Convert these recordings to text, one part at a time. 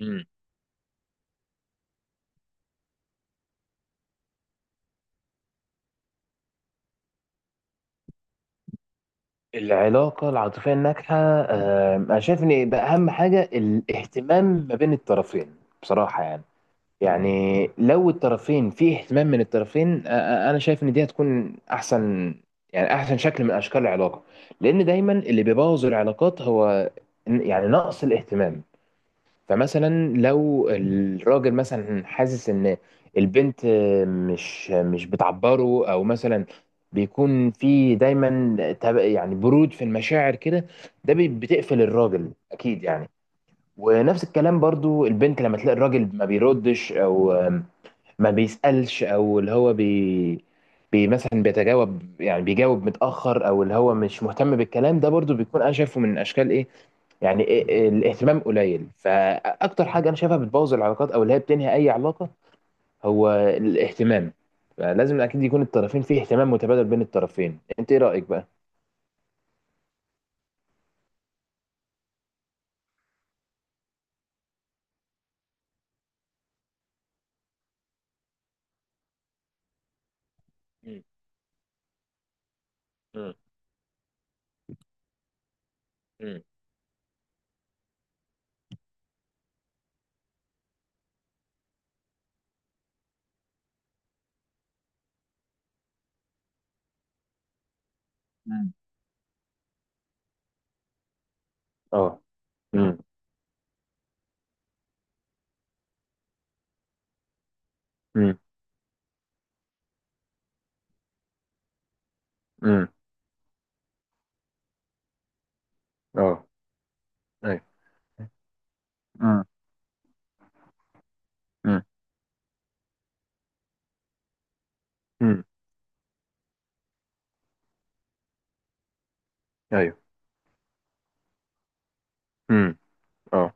مم. العلاقة العاطفية الناجحة أنا شايف إن ده أهم حاجة الاهتمام ما بين الطرفين بصراحة. يعني لو الطرفين في اهتمام من الطرفين، أنا شايف إن دي هتكون أحسن، يعني أحسن شكل من أشكال العلاقة. لأن دايما اللي بيبوظ العلاقات هو يعني نقص الاهتمام. فمثلا لو الراجل مثلا حاسس ان البنت مش بتعبره، او مثلا بيكون في دايما يعني برود في المشاعر كده، ده بتقفل الراجل اكيد يعني. ونفس الكلام برضو البنت لما تلاقي الراجل ما بيردش او ما بيسألش، او اللي هو بي مثلا بيتجاوب، يعني بيجاوب متأخر، او اللي هو مش مهتم بالكلام ده، برضو بيكون انا شايفه من اشكال ايه، يعني إيه الاهتمام قليل. فاكتر حاجه انا شايفها بتبوظ العلاقات او اللي هي بتنهي اي علاقه هو الاهتمام، فلازم اكيد يكون الطرفين فيه اهتمام متبادل بين الطرفين. انت ايه رايك بقى؟ مم. مم. مم. مم. اه. مم. مم. مم. اه. ايوه. مم. مم. مم. ايوه. مم. اه.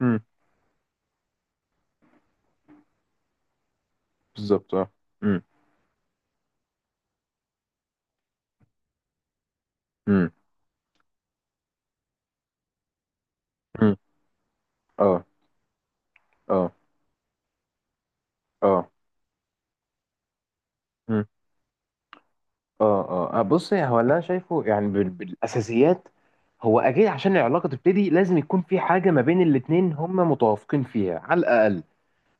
مم. بالظبط اه. مم. مم. مم. اه، اه، اه، اه، اه، بص هو اللي انا شايفه يعني بالاساسيات، هو اكيد عشان العلاقه تبتدي لازم يكون في حاجه ما بين الاتنين هما متوافقين فيها على الاقل.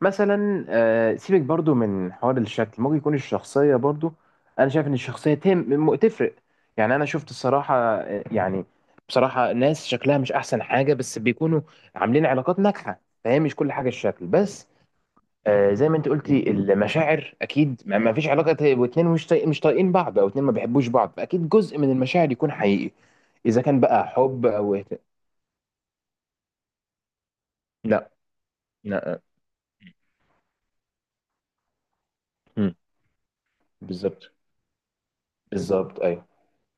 مثلا، سيبك برضو من حوار الشكل، ممكن يكون الشخصيه برضو، انا شايف ان الشخصيه تهم، تفرق. يعني انا شفت الصراحه، يعني بصراحه ناس شكلها مش احسن حاجه بس بيكونوا عاملين علاقات ناجحه، فهي مش كل حاجه الشكل بس. زي ما انت قلتي المشاعر اكيد، ما فيش علاقه واتنين مش طايقين بعض، او اتنين ما بيحبوش بعض، فاكيد جزء من المشاعر يكون حقيقي. اذا كان بقى حب او لا. لا. مم. بالظبط. بالظبط ايوه.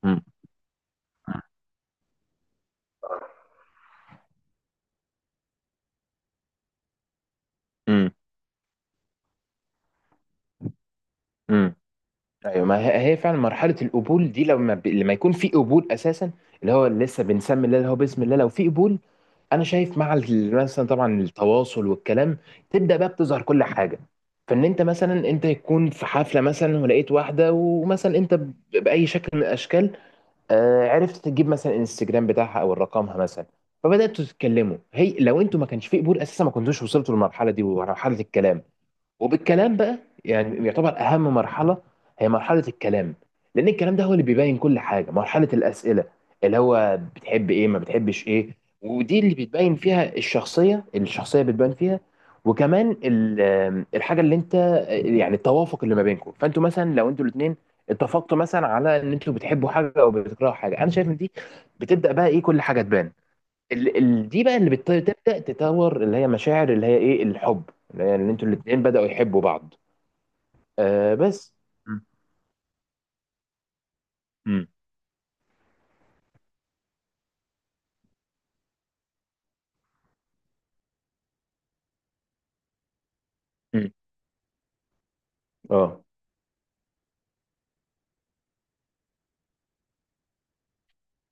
مم. مم. مم. ايوه، ما هي هي فعلا مرحله القبول دي، لما لما يكون في قبول اساسا، اللي هو لسه بنسمي الله، اللي هو بسم الله لو في قبول. انا شايف مع مثلا طبعا التواصل والكلام تبدا بقى بتظهر كل حاجه. فان انت مثلا، انت يكون في حفله مثلا ولقيت واحده، ومثلا انت باي شكل من الاشكال، عرفت تجيب مثلا الانستجرام بتاعها او رقمها مثلا، فبداتوا تتكلموا. هي لو انتوا ما كانش في قبول اساسا ما كنتوش وصلتوا للمرحله دي ومرحله الكلام. وبالكلام بقى يعني يعتبر اهم مرحله هي مرحله الكلام، لان الكلام ده هو اللي بيبين كل حاجه. مرحله الاسئله اللي هو بتحب ايه، ما بتحبش ايه، ودي اللي بتبين فيها الشخصيه، الشخصيه بتبان فيها. وكمان الحاجه اللي انت، يعني التوافق اللي ما بينكم. فانتوا مثلا لو انتوا الاثنين اتفقتوا مثلا على ان انتوا بتحبوا حاجه او بتكرهوا حاجه، انا شايف ان دي بتبدا بقى ايه، كل حاجه تبان. دي بقى اللي بتبدا تطور، اللي هي مشاعر، اللي هي ايه الحب، اللي هي ان انتوا الاتنين بداوا يحبوا بعض. آه بس. مم. مم. مم. اه.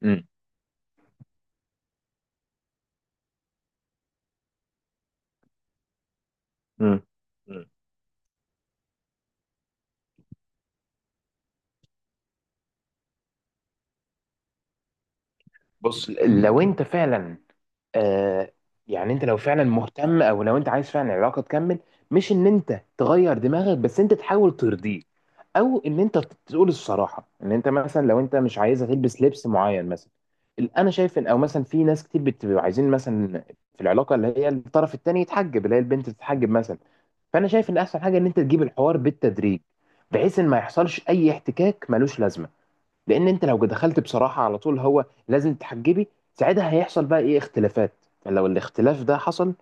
مم. مم. مم. بص لو انت فعلا، آه يعني انت لو فعلا مهتم، او لو انت عايز فعلا العلاقه تكمل، مش ان انت تغير دماغك، بس انت تحاول ترضيه، او ان انت تقول الصراحه ان انت مثلا لو انت مش عايزه تلبس لبس معين مثلا. انا شايف ان، او مثلا في ناس كتير بتبقى عايزين مثلا في العلاقه اللي هي الطرف التاني يتحجب، اللي هي البنت تتحجب مثلا. فانا شايف ان احسن حاجه ان انت تجيب الحوار بالتدريج، بحيث ان ما يحصلش اي احتكاك ملوش لازمه. لان انت لو دخلت بصراحه على طول، هو لازم تحجبي، ساعتها هيحصل بقى ايه اختلافات. يعني لو الاختلاف ده حصل،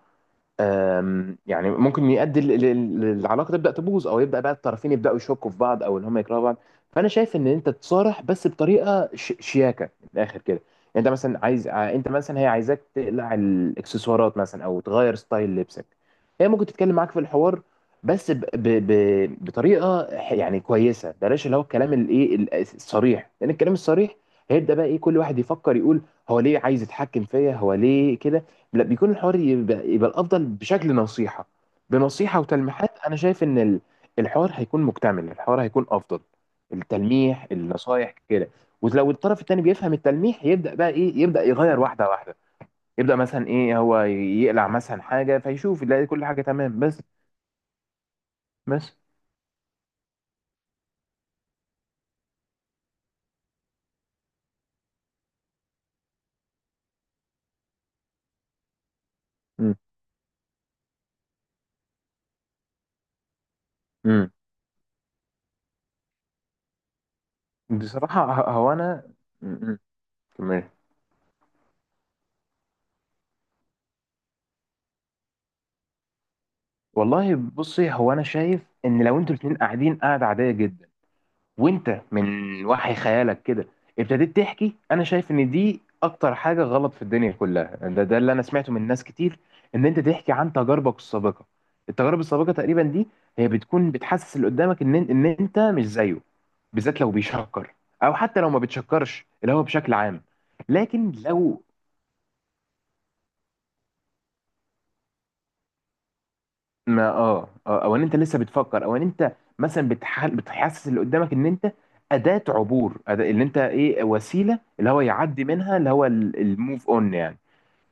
يعني ممكن يؤدي العلاقه تبدا تبوظ، او يبدا بقى الطرفين يبداوا يشكوا في بعض، او ان هم يكرهوا بعض. فانا شايف ان انت تصارح، بس بطريقه شياكه من الاخر كده. انت مثلا عايز انت مثلا هي عايزاك تقلع الاكسسوارات مثلا او تغير ستايل لبسك، هي ممكن تتكلم معاك في الحوار، بس بطريقه يعني كويسه. بلاش اللي هو الكلام الايه الصريح، لان الكلام الصريح هيبدا بقى ايه، كل واحد يفكر يقول هو ليه عايز يتحكم فيا، هو ليه كده. لا، بيكون الحوار يبقى، يبقى الافضل بشكل نصيحه، بنصيحه وتلميحات. انا شايف ان الحوار هيكون مكتمل، الحوار هيكون افضل، التلميح، النصايح كده. ولو الطرف التاني بيفهم التلميح يبدا بقى ايه، يبدا يغير واحده واحده، يبدا مثلا ايه، هو يقلع مثلا حاجه فيشوف يلاقي كل حاجه تمام بس. بس. امم امم بصراحه هو انا، امم كمان. والله بصي، هو انا شايف ان لو انتوا الاتنين قاعدين قاعده عاديه جدا، وانت من وحي خيالك كده ابتديت تحكي، انا شايف ان دي اكتر حاجه غلط في الدنيا كلها. ده ده اللي انا سمعته من ناس كتير ان انت تحكي عن تجاربك السابقه. التجارب السابقه تقريبا دي هي بتكون بتحسس اللي قدامك ان ان انت مش زيه، بالذات لو بيشكر، او حتى لو ما بتشكرش اللي هو بشكل عام. لكن لو ما اه اه او ان انت لسه بتفكر، او ان انت مثلا بتحل بتحسس اللي قدامك ان انت اداه عبور، أداة، اللي انت ايه، وسيله اللي هو يعدي منها، اللي هو الموف اون يعني.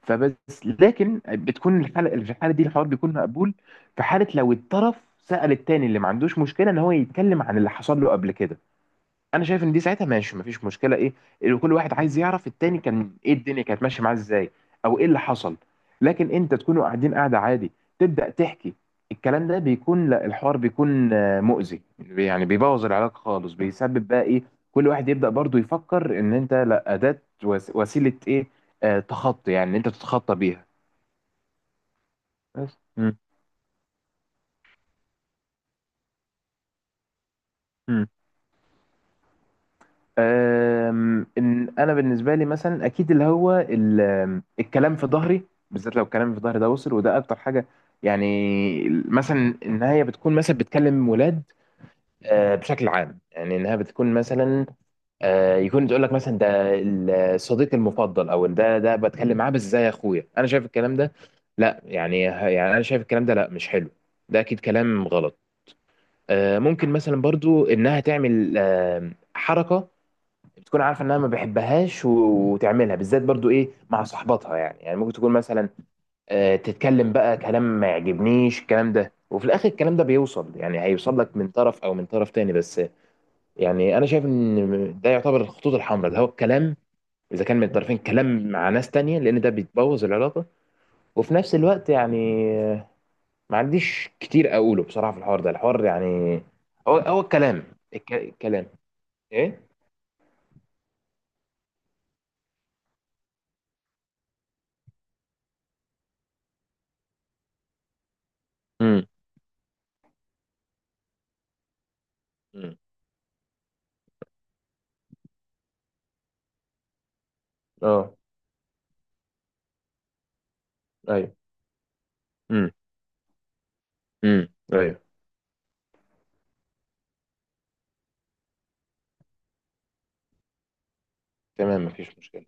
فبس، لكن بتكون الحاله في الحاله دي الحوار بيكون مقبول، في حاله لو الطرف سأل التاني اللي ما عندوش مشكله ان هو يتكلم عن اللي حصل له قبل كده. انا شايف ان دي ساعتها ماشي، مفيش مشكله ايه، اللي كل واحد عايز يعرف التاني كان ايه، الدنيا كانت ماشيه معاه ازاي، او ايه اللي حصل. لكن انت تكونوا قاعدين قاعده عادي تبدا تحكي، الكلام ده بيكون لا، الحوار بيكون مؤذي يعني، بيبوظ العلاقه خالص، بيسبب بقى ايه، كل واحد يبدا برضو يفكر ان انت لا اداه وسيله ايه، تخطي، يعني إن انت تتخطى بيها. بس. مم. ان انا بالنسبه لي مثلا اكيد اللي هو ال- أم، الكلام في ظهري، بالذات لو الكلام في ظهري ده وصل، وده اكتر حاجه يعني. مثلا ان هي بتكون مثلا بتكلم ولاد، بشكل عام، يعني انها بتكون مثلا، يكون تقول لك مثلا ده الصديق المفضل، او ده ده بتكلم معاه بس زي اخويا. انا شايف الكلام ده لا، يعني، يعني انا شايف الكلام ده لا، مش حلو، ده اكيد كلام غلط. ممكن مثلا برضو انها تعمل حركه بتكون عارفه انها ما بحبهاش، وتعملها بالذات برضو ايه مع صحباتها، يعني يعني ممكن تكون مثلا تتكلم بقى كلام ما يعجبنيش الكلام ده، وفي الاخر الكلام ده بيوصل يعني، هيوصل لك من طرف او من طرف تاني بس. يعني انا شايف ان ده يعتبر الخطوط الحمراء، ده هو الكلام اذا كان من الطرفين، كلام مع ناس تانية، لان ده بيتبوظ العلاقه. وفي نفس الوقت يعني ما عنديش كتير اقوله بصراحه في الحوار ده، الحوار يعني هو هو الكلام، الكلام ايه. امم اه. ايوه. ايوه. تمام مفيش مشكلة.